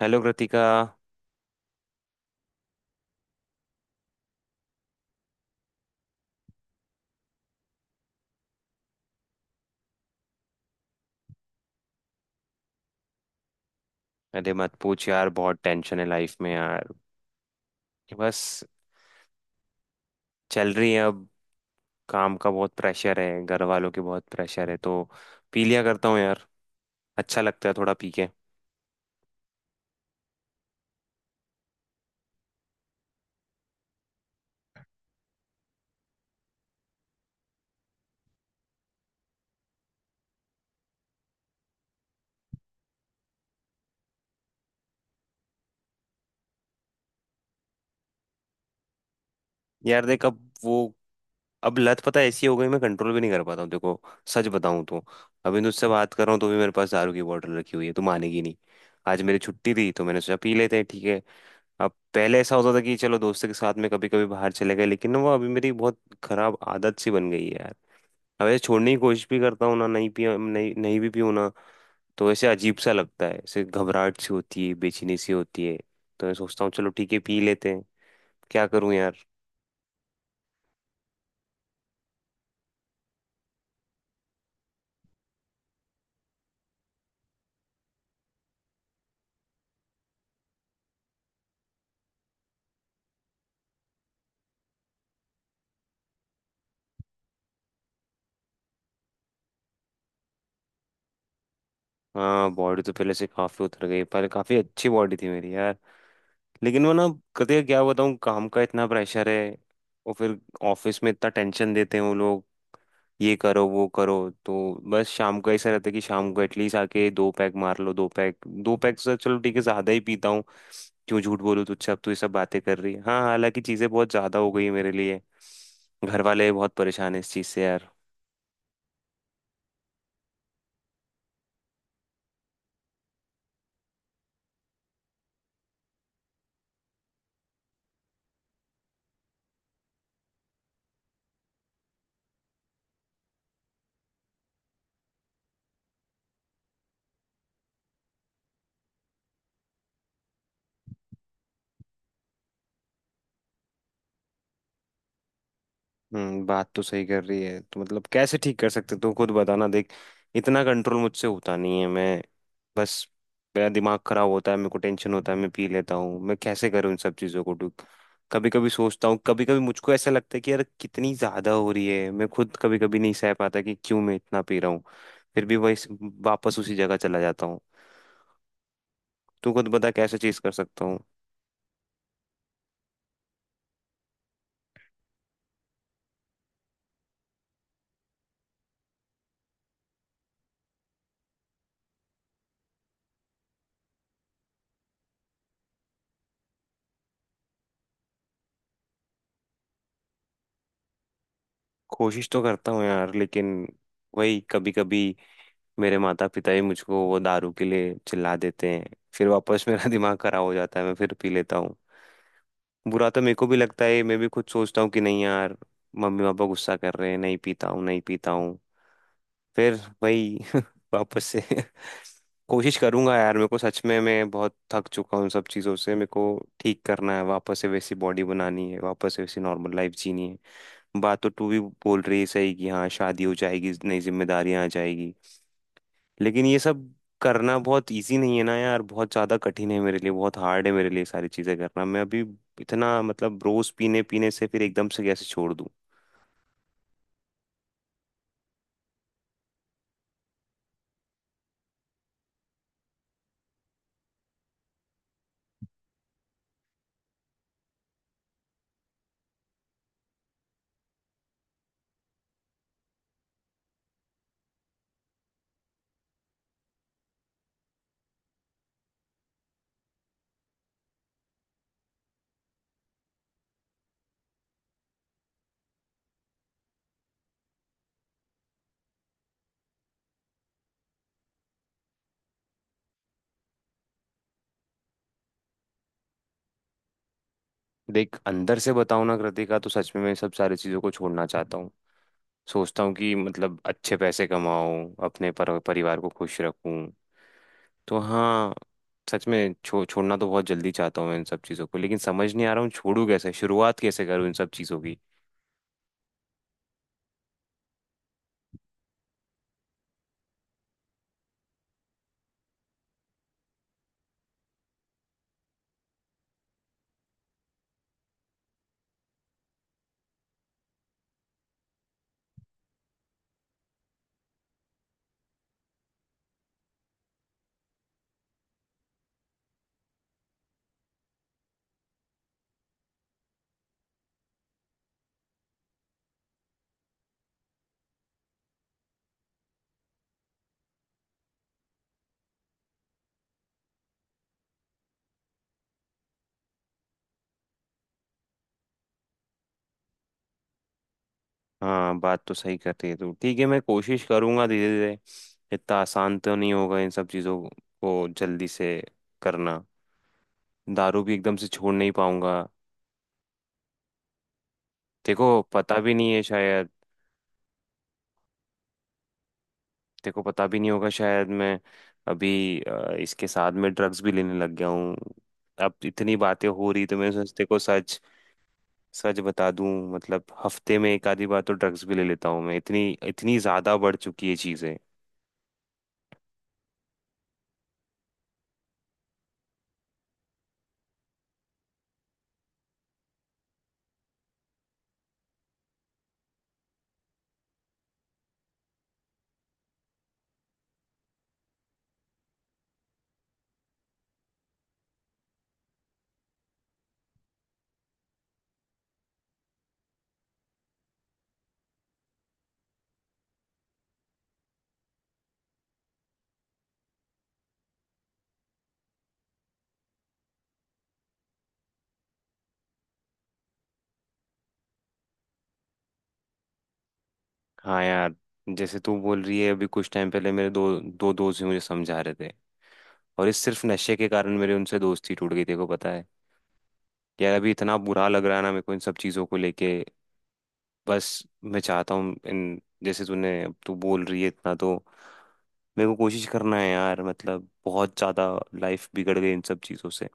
Hello Kritika. अरे मत पूछ यार, बहुत टेंशन है लाइफ में यार। बस चल रही है अब। काम का बहुत प्रेशर है, घर वालों की बहुत प्रेशर है, तो पी लिया करता हूँ यार। अच्छा लगता है थोड़ा पी के। यार देख, अब वो अब लत पता है ऐसी हो गई, मैं कंट्रोल भी नहीं कर पाता हूँ। देखो, सच बताऊँ तो अभी तुझसे बात कर रहा हूँ तो भी मेरे पास दारू की बोतल रखी हुई है, तू मानेगी नहीं। आज मेरी छुट्टी थी तो मैंने सोचा पी लेते हैं, ठीक है। अब पहले ऐसा होता था कि चलो दोस्तों के साथ में कभी कभी बाहर चले गए, लेकिन ना वो अभी मेरी बहुत खराब आदत सी बन गई है यार। अब ऐसे छोड़ने की कोशिश भी करता हूँ ना, नहीं पी, नहीं नहीं भी पीऊँ ना, तो ऐसे अजीब सा लगता है, ऐसे घबराहट सी होती है, बेचैनी सी होती है। तो मैं सोचता हूँ चलो ठीक है पी लेते हैं। क्या करूँ यार। हाँ, बॉडी तो पहले से काफी उतर गई, पहले काफी अच्छी बॉडी थी मेरी यार। लेकिन वो ना कते क्या बताऊँ, काम का इतना प्रेशर है और फिर ऑफिस में इतना टेंशन देते हैं वो लोग, ये करो वो करो। तो बस शाम को ऐसा रहता है कि शाम को एटलीस्ट आके दो पैक मार लो। दो पैक, दो पैक से चलो ठीक है, ज्यादा ही पीता हूँ। क्यों झूठ बोलूं तुझसे। अब तू ये सब बातें कर रही है, हाँ, हालांकि चीजें बहुत ज्यादा हो गई हैं मेरे लिए। घर वाले बहुत परेशान है इस चीज से यार। हम्म, बात तो सही कर रही है, तो मतलब कैसे ठीक कर सकते, तू खुद बताना। देख, इतना कंट्रोल मुझसे होता नहीं है। मैं बस मेरा दिमाग खराब होता है, मेरे को टेंशन होता है, मैं पी लेता हूँ। मैं कैसे करूँ इन सब चीज़ों को ठीक। कभी कभी सोचता हूँ, कभी कभी मुझको ऐसा लगता है कि यार कितनी ज़्यादा हो रही है, मैं खुद कभी कभी नहीं सह पाता कि क्यों मैं इतना पी रहा हूँ। फिर भी वही वापस उसी जगह चला जाता हूँ। तू खुद बता कैसे चीज कर सकता हूँ। कोशिश तो करता हूँ यार, लेकिन वही कभी कभी मेरे माता पिता ही मुझको वो दारू के लिए चिल्ला देते हैं, फिर वापस मेरा दिमाग खराब हो जाता है, मैं फिर पी लेता हूँ। बुरा तो मेरे को भी लगता है, मैं भी खुद सोचता हूँ कि नहीं यार, मम्मी पापा गुस्सा कर रहे हैं, नहीं पीता हूँ, नहीं पीता हूँ। फिर वही वापस से कोशिश करूंगा यार। मेरे को सच में मैं बहुत थक चुका हूँ इन सब चीज़ों से। मेरे को ठीक करना है, वापस से वैसी बॉडी बनानी है, वापस से वैसी नॉर्मल लाइफ जीनी है। बात तो तू भी बोल रही है सही कि हाँ शादी हो जाएगी, नई जिम्मेदारियां आ जाएगी, लेकिन ये सब करना बहुत इजी नहीं है ना यार। बहुत ज्यादा कठिन है मेरे लिए, बहुत हार्ड है मेरे लिए सारी चीजें करना। मैं अभी इतना मतलब रोज पीने पीने से फिर एकदम से कैसे छोड़ दूं। देख अंदर से बताऊं ना कृतिका, तो सच में मैं सब सारी चीजों को छोड़ना चाहता हूँ। सोचता हूँ कि मतलब अच्छे पैसे कमाऊं, अपने परिवार को खुश रखूं। तो हाँ, सच में छोड़ना तो बहुत जल्दी चाहता हूँ मैं इन सब चीज़ों को, लेकिन समझ नहीं आ रहा हूँ छोड़ू कैसे, शुरुआत कैसे करूँ इन सब चीज़ों की। हाँ, बात तो सही करती है तू, ठीक है मैं कोशिश करूँगा धीरे धीरे। इतना आसान तो नहीं होगा इन सब चीज़ों को जल्दी से करना, दारू भी एकदम से छोड़ नहीं पाऊंगा। देखो पता भी नहीं है शायद, देखो पता भी नहीं होगा शायद। मैं अभी इसके साथ में ड्रग्स भी लेने लग गया हूँ। अब इतनी बातें हो रही तो मैं सोचते को सच, सच बता दूं, मतलब हफ्ते में एक आधी बार तो ड्रग्स भी ले लेता हूँ मैं। इतनी इतनी ज्यादा बढ़ चुकी है चीजें। हाँ यार, जैसे तू बोल रही है, अभी कुछ टाइम पहले मेरे दो दो दोस्त भी मुझे समझा रहे थे, और इस सिर्फ नशे के कारण मेरी उनसे दोस्ती टूट गई। देखो पता है यार, अभी इतना बुरा लग रहा है ना मेरे को इन सब चीजों को लेके। बस मैं चाहता हूँ इन, जैसे तूने अब तू बोल रही है इतना, तो मेरे को कोशिश करना है यार, मतलब बहुत ज्यादा लाइफ बिगड़ गई इन सब चीजों से।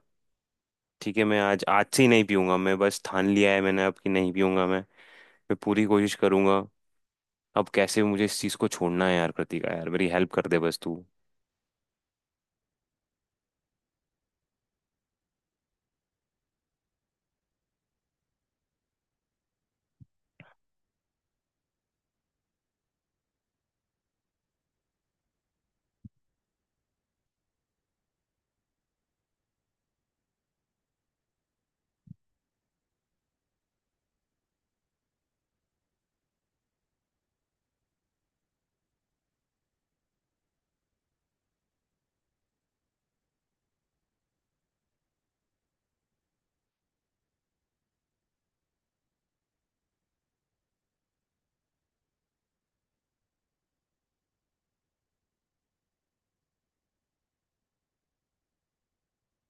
ठीक है, मैं आज आज से ही नहीं पीऊंगा, मैं बस ठान लिया है मैंने अब कि नहीं पीऊंगा मैं। मैं पूरी कोशिश करूंगा, अब कैसे भी मुझे इस चीज़ को छोड़ना है यार। कृतिका यार, मेरी हेल्प कर दे बस तू।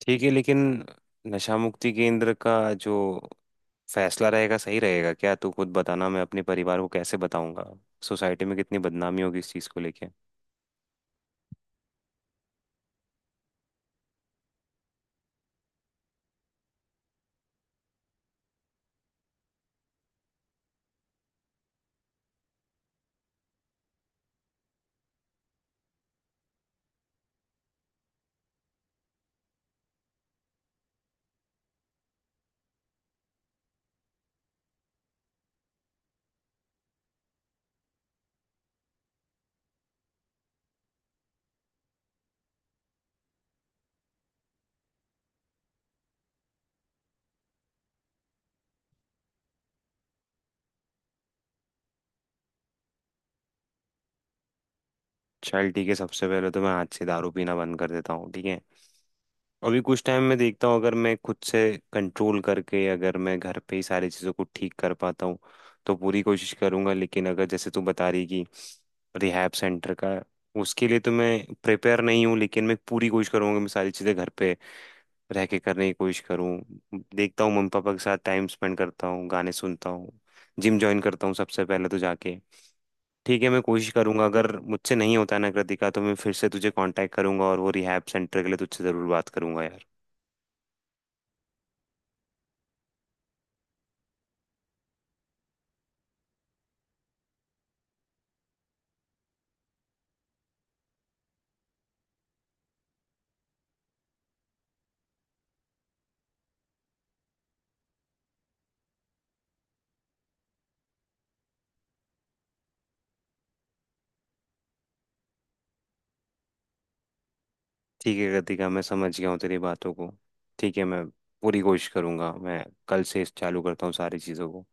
ठीक है, लेकिन नशा मुक्ति केंद्र का जो फैसला रहेगा सही रहेगा क्या, तू खुद बताना। मैं अपने परिवार को कैसे बताऊंगा, सोसाइटी में कितनी बदनामी होगी इस चीज़ को लेके। चल ठीक है, सबसे पहले तो मैं आज से दारू पीना बंद कर देता हूँ, ठीक है। अभी कुछ टाइम में देखता हूँ, अगर मैं खुद से कंट्रोल करके अगर मैं घर पे ही सारी चीज़ों को ठीक कर पाता हूँ तो पूरी कोशिश करूँगा। लेकिन अगर जैसे तू बता रही कि रिहैब सेंटर का, उसके लिए तो मैं प्रिपेयर नहीं हूँ। लेकिन मैं पूरी कोशिश करूँगा, मैं सारी चीज़ें घर पे रह के करने की कोशिश करूँ। देखता हूँ, मम्मी पापा के साथ टाइम स्पेंड करता हूँ, गाने सुनता हूँ, जिम ज्वाइन करता हूँ सबसे पहले तो जाके। ठीक है, मैं कोशिश करूंगा। अगर मुझसे नहीं होता ना कृतिका, तो मैं फिर से तुझे कांटेक्ट करूंगा और वो रिहैब सेंटर के लिए तुझसे ज़रूर बात करूंगा यार। ठीक है कृतिका, मैं समझ गया हूँ तेरी बातों को। ठीक है, मैं पूरी कोशिश करूंगा, मैं कल से इस चालू करता हूँ सारी चीज़ों को।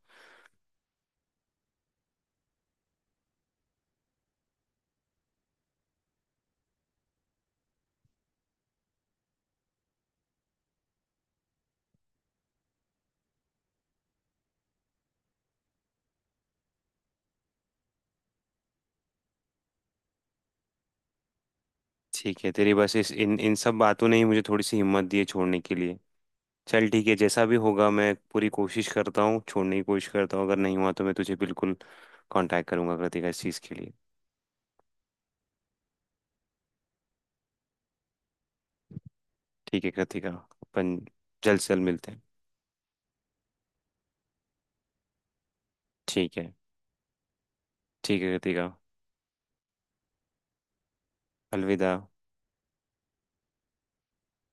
ठीक है, तेरी बस इस इन इन सब बातों ने ही मुझे थोड़ी सी हिम्मत दी है छोड़ने के लिए। चल ठीक है, जैसा भी होगा मैं पूरी कोशिश करता हूँ, छोड़ने की कोशिश करता हूँ। अगर नहीं हुआ तो मैं तुझे बिल्कुल कांटेक्ट करूंगा कृतिका इस चीज़ के लिए। ठीक है कृतिका, अपन जल्द से जल्द मिलते हैं। ठीक है। ठीक है कृतिका, अलविदा।